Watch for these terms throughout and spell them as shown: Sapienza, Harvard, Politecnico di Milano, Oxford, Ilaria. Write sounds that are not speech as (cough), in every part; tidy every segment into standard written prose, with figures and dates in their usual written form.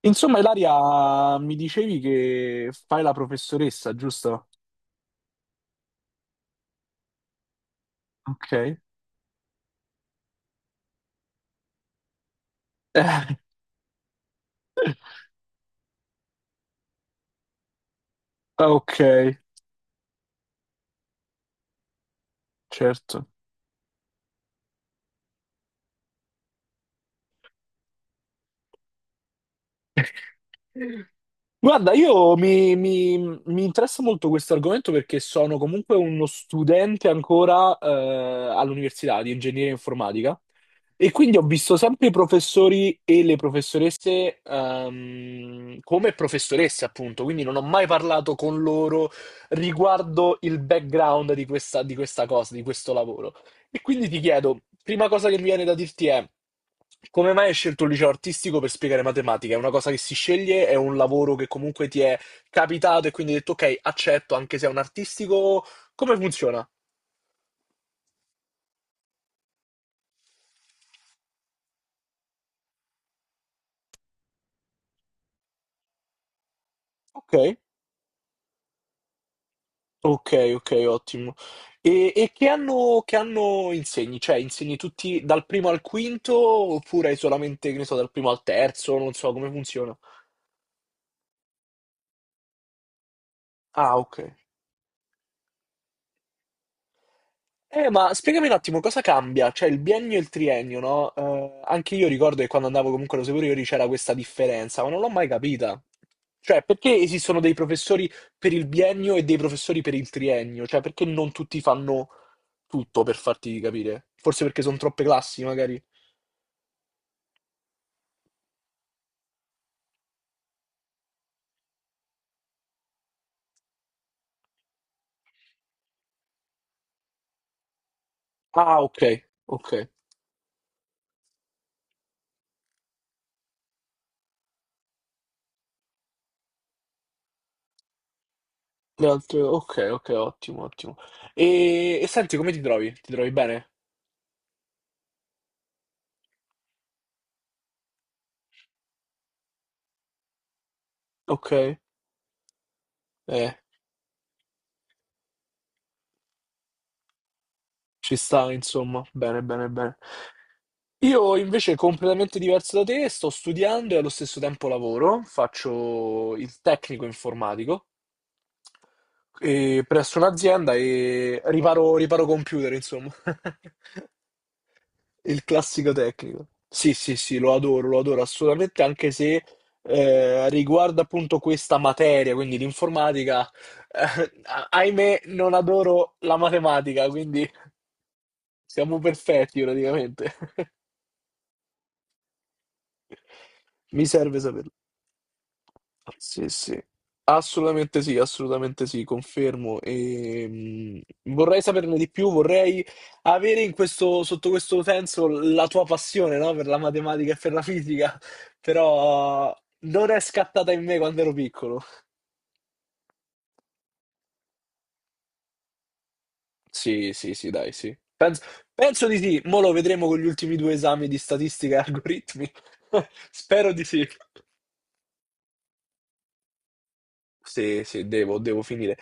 Insomma, Ilaria, mi dicevi che fai la professoressa, giusto? Ok. Eh, ok, certo. Guarda, mi interessa molto questo argomento perché sono comunque uno studente ancora all'università di ingegneria informatica. E quindi ho visto sempre i professori e le professoresse come professoresse, appunto, quindi non ho mai parlato con loro riguardo il background di questa cosa, di questo lavoro. E quindi ti chiedo, prima cosa che mi viene da dirti è, come mai hai scelto il liceo artistico per spiegare matematica? È una cosa che si sceglie, è un lavoro che comunque ti è capitato e quindi hai detto, ok, accetto anche se è un artistico, come funziona? Ok. Okay, okay, ottimo. E che anno insegni? Cioè, insegni tutti dal primo al quinto oppure hai solamente, che ne so, dal primo al terzo? Non so come funziona. Ah, okay. Ma spiegami un attimo cosa cambia, cioè il biennio e il triennio, no, anche io ricordo che quando andavo comunque alle superiori c'era questa differenza, ma non l'ho mai capita. Cioè, perché esistono dei professori per il biennio e dei professori per il triennio? Cioè, perché non tutti fanno tutto, per farti capire? Forse perché son troppe classi, magari? Ah, ok, ok. Le altre- ok, ok, ottimo, ottimo. E senti, come ti trovi? Ti trovi bene? Ok, eh, ci sta, insomma. Bene, bene, bene. Io invece completamente diverso da te, sto studiando e allo stesso tempo lavoro, faccio il tecnico informatico presso un'azienda e riparo computer, insomma. (laughs) Il classico tecnico. Sì, sì, sì, lo adoro assolutamente, anche se riguardo appunto questa materia, quindi l'informatica, ahimè, non adoro la matematica, quindi siamo perfetti praticamente. (laughs) Mi serve saperlo. Ah, sì, sì, assolutamente sì, assolutamente sì, confermo. E, vorrei saperne di più, vorrei avere in questo, sotto questo senso la tua passione, no? Per la matematica e per la fisica, (laughs) però non è scattata in me quando ero piccolo. Sì, sì, sì, dai, sì. Penso di sì, mo lo vedremo con gli ultimi due esami di statistica e algoritmi. (laughs) Spero di sì. Sì, sì, devo finire.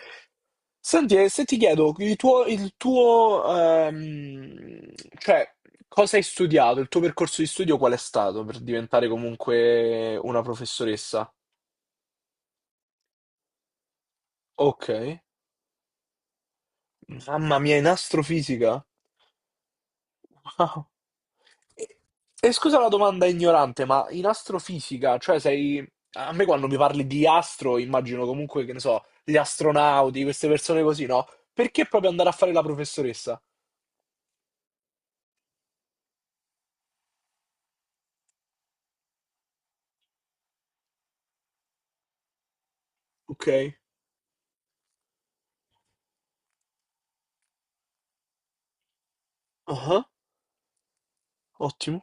Senti, e se ti chiedo ehm, cioè, cosa hai studiato, il tuo percorso di studio qual è stato per diventare comunque una professoressa? Ok, mamma mia, in astrofisica? Wow. E, e scusa la domanda ignorante, ma in astrofisica, cioè sei... A me quando mi parli di astro, immagino comunque, che ne so, gli astronauti, queste persone così, no? Perché proprio andare a fare la professoressa? Ok. Ah, ottimo.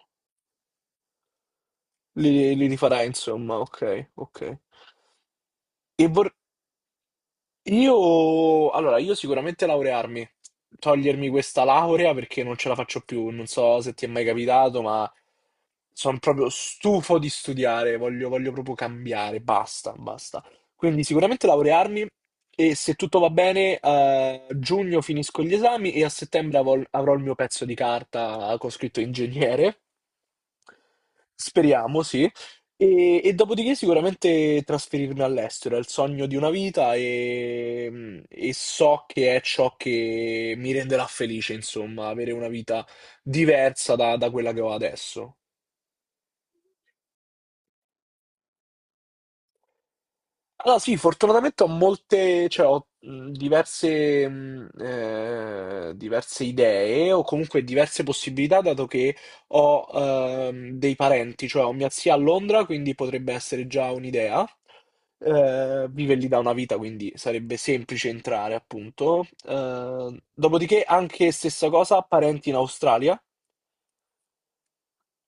Li rifarai, insomma, ok, ok. E vor- io, allora, io sicuramente laurearmi, togliermi questa laurea perché non ce la faccio più, non so se ti è mai capitato, ma sono proprio stufo di studiare, voglio, voglio proprio cambiare, basta, basta. Quindi sicuramente laurearmi e se tutto va bene, a giugno finisco gli esami e a settembre avrò il mio pezzo di carta con scritto ingegnere. Speriamo, sì. E dopodiché sicuramente trasferirmi all'estero è il sogno di una vita e so che è ciò che mi renderà felice, insomma, avere una vita diversa da quella che ho adesso. Allora, sì, fortunatamente ho molte, cioè ho diverse, diverse idee o comunque diverse possibilità, dato che ho dei parenti, cioè ho mia zia a Londra, quindi potrebbe essere già un'idea. Vive lì da una vita, quindi sarebbe semplice entrare, appunto. Dopodiché, anche stessa cosa, parenti in Australia.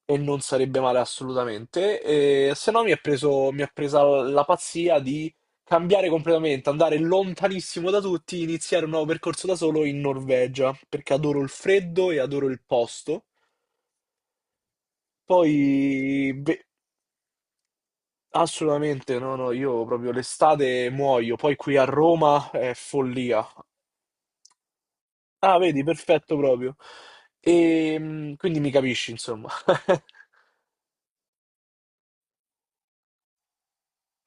E non sarebbe male assolutamente. E, se no mi ha presa la pazzia di cambiare completamente, andare lontanissimo da tutti, iniziare un nuovo percorso da solo in Norvegia, perché adoro il freddo e adoro il posto. Poi, beh, assolutamente, no, no, io proprio l'estate muoio, poi qui a Roma è follia. Ah, vedi, perfetto proprio. E quindi mi capisci, insomma. (laughs)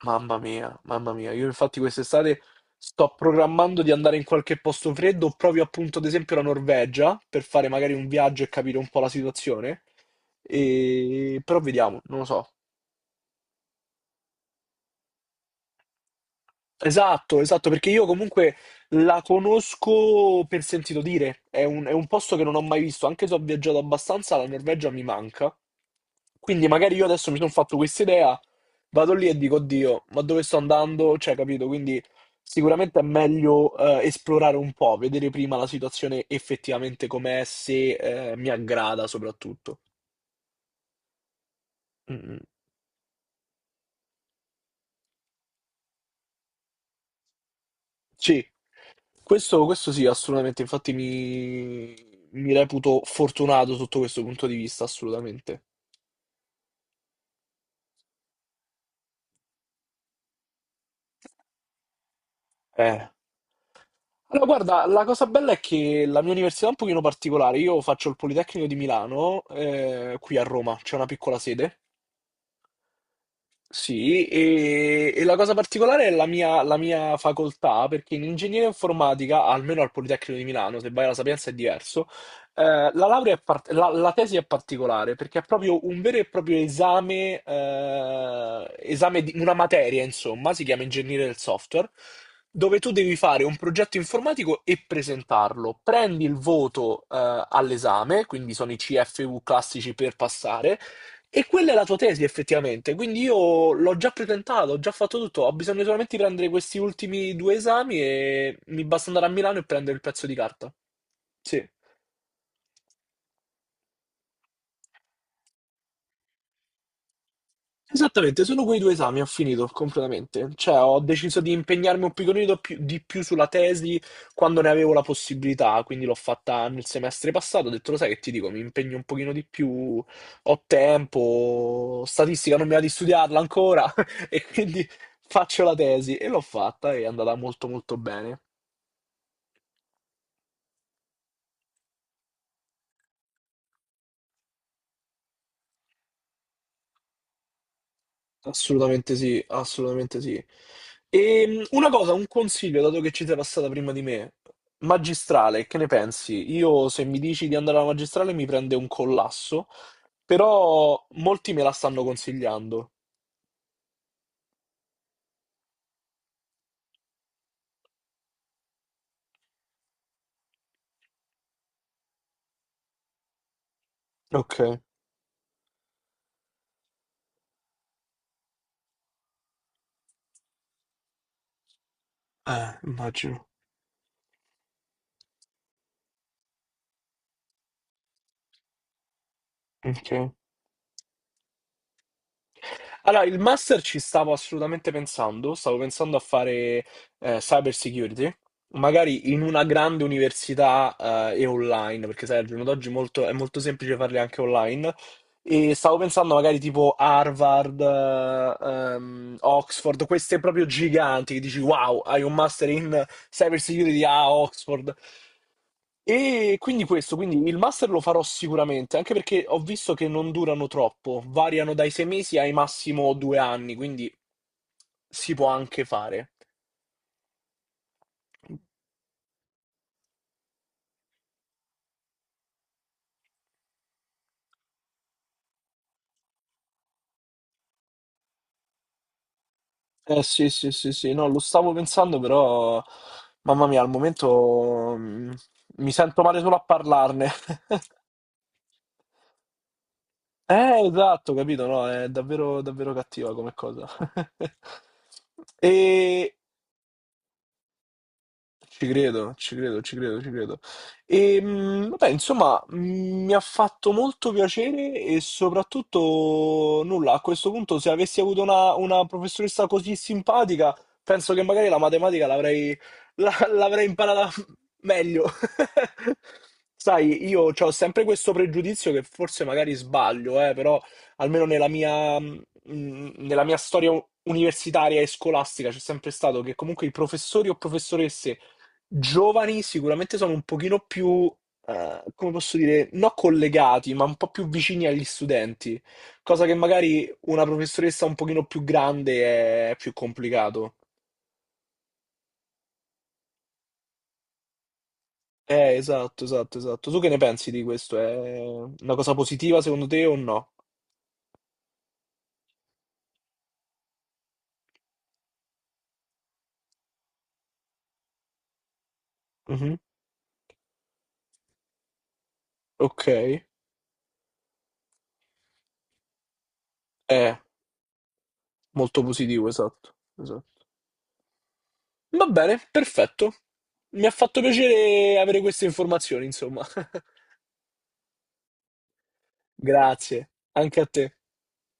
Mamma mia, io infatti quest'estate sto programmando di andare in qualche posto freddo, proprio appunto ad esempio la Norvegia, per fare magari un viaggio e capire un po' la situazione. E... Però vediamo, non lo so. Esatto, esatto, perché io comunque la conosco per sentito dire, è è un posto che non ho mai visto, anche se ho viaggiato abbastanza, la Norvegia mi manca. Quindi magari io adesso mi sono fatto questa idea, vado lì e dico, oddio, ma dove sto andando? Cioè, capito? Quindi sicuramente è meglio esplorare un po', vedere prima la situazione effettivamente com'è, se mi aggrada soprattutto. Mm, mm. Sì. Questo sì, assolutamente, mi reputo fortunato sotto questo punto di vista, assolutamente. Eh, Allora, guarda, la cosa bella è che la mia università è un pochino particolare, io faccio il Politecnico di Milano, qui a Roma, c'è una piccola sede. Sì, e la cosa particolare è la mia facoltà, perché in ingegneria informatica, almeno al Politecnico di Milano, se vai alla Sapienza è diverso, la tesi è particolare, perché è proprio un vero e proprio esame, esame di una materia, insomma, si chiama ingegneria del software, dove tu devi fare un progetto informatico e presentarlo. Prendi il voto, all'esame, quindi sono i CFU classici per passare, e quella è la tua tesi, effettivamente. Quindi io l'ho già presentato, ho già fatto tutto. Ho bisogno solamente di prendere questi ultimi due esami e mi basta andare a Milano e prendere il pezzo di carta. Sì. Esattamente, solo quei due esami ho finito completamente, cioè ho deciso di impegnarmi di più sulla tesi quando ne avevo la possibilità, quindi l'ho fatta nel semestre passato, ho detto lo sai che ti dico, mi impegno un pochino di più, ho tempo, statistica non mi va di studiarla ancora (laughs) e quindi faccio la tesi e l'ho fatta e è andata molto molto bene. Assolutamente sì, assolutamente sì. E una cosa, un consiglio, dato che ci sei passata prima di me, magistrale, che ne pensi? Io se mi dici di andare alla magistrale mi prende un collasso, però molti me la stanno consigliando. Ok, immagino. Ok. Allora, il master ci stavo assolutamente pensando, stavo pensando a fare cyber security, magari in una grande università e online, perché sai, al giorno d'oggi è molto semplice farli anche online. E stavo pensando magari tipo Harvard, Oxford, queste proprio giganti che dici wow, hai un master in cyber security a Oxford. E quindi questo, quindi il master lo farò sicuramente, anche perché ho visto che non durano troppo, variano dai 6 mesi ai massimo 2 anni, quindi si può anche fare. Eh sì, sì, sì, sì, no, lo stavo pensando, però mamma mia, al momento mi sento male solo a parlarne. (laughs) Esatto, capito, no? È davvero, davvero cattiva come cosa. (laughs) E, ci credo, ci credo, ci credo, ci credo. E, vabbè, insomma, mi ha fatto molto piacere e soprattutto nulla, a questo punto se avessi avuto una professoressa così simpatica, penso che magari la matematica l'avrei imparata (laughs) meglio. (laughs) Sai, io ho sempre questo pregiudizio che forse magari sbaglio, però almeno nella mia storia universitaria e scolastica c'è sempre stato che comunque i professori o professoresse giovani sicuramente sono un pochino più, come posso dire, non collegati, ma un po' più vicini agli studenti, cosa che magari una professoressa un pochino più grande è più complicato. Esatto, esatto, esatto. Tu che ne pensi di questo? È una cosa positiva secondo te o no? Mhm. Ok. È molto positivo, esatto, esatto. Va bene, perfetto. Mi ha fatto piacere avere queste informazioni, insomma. (laughs) Grazie, anche a te.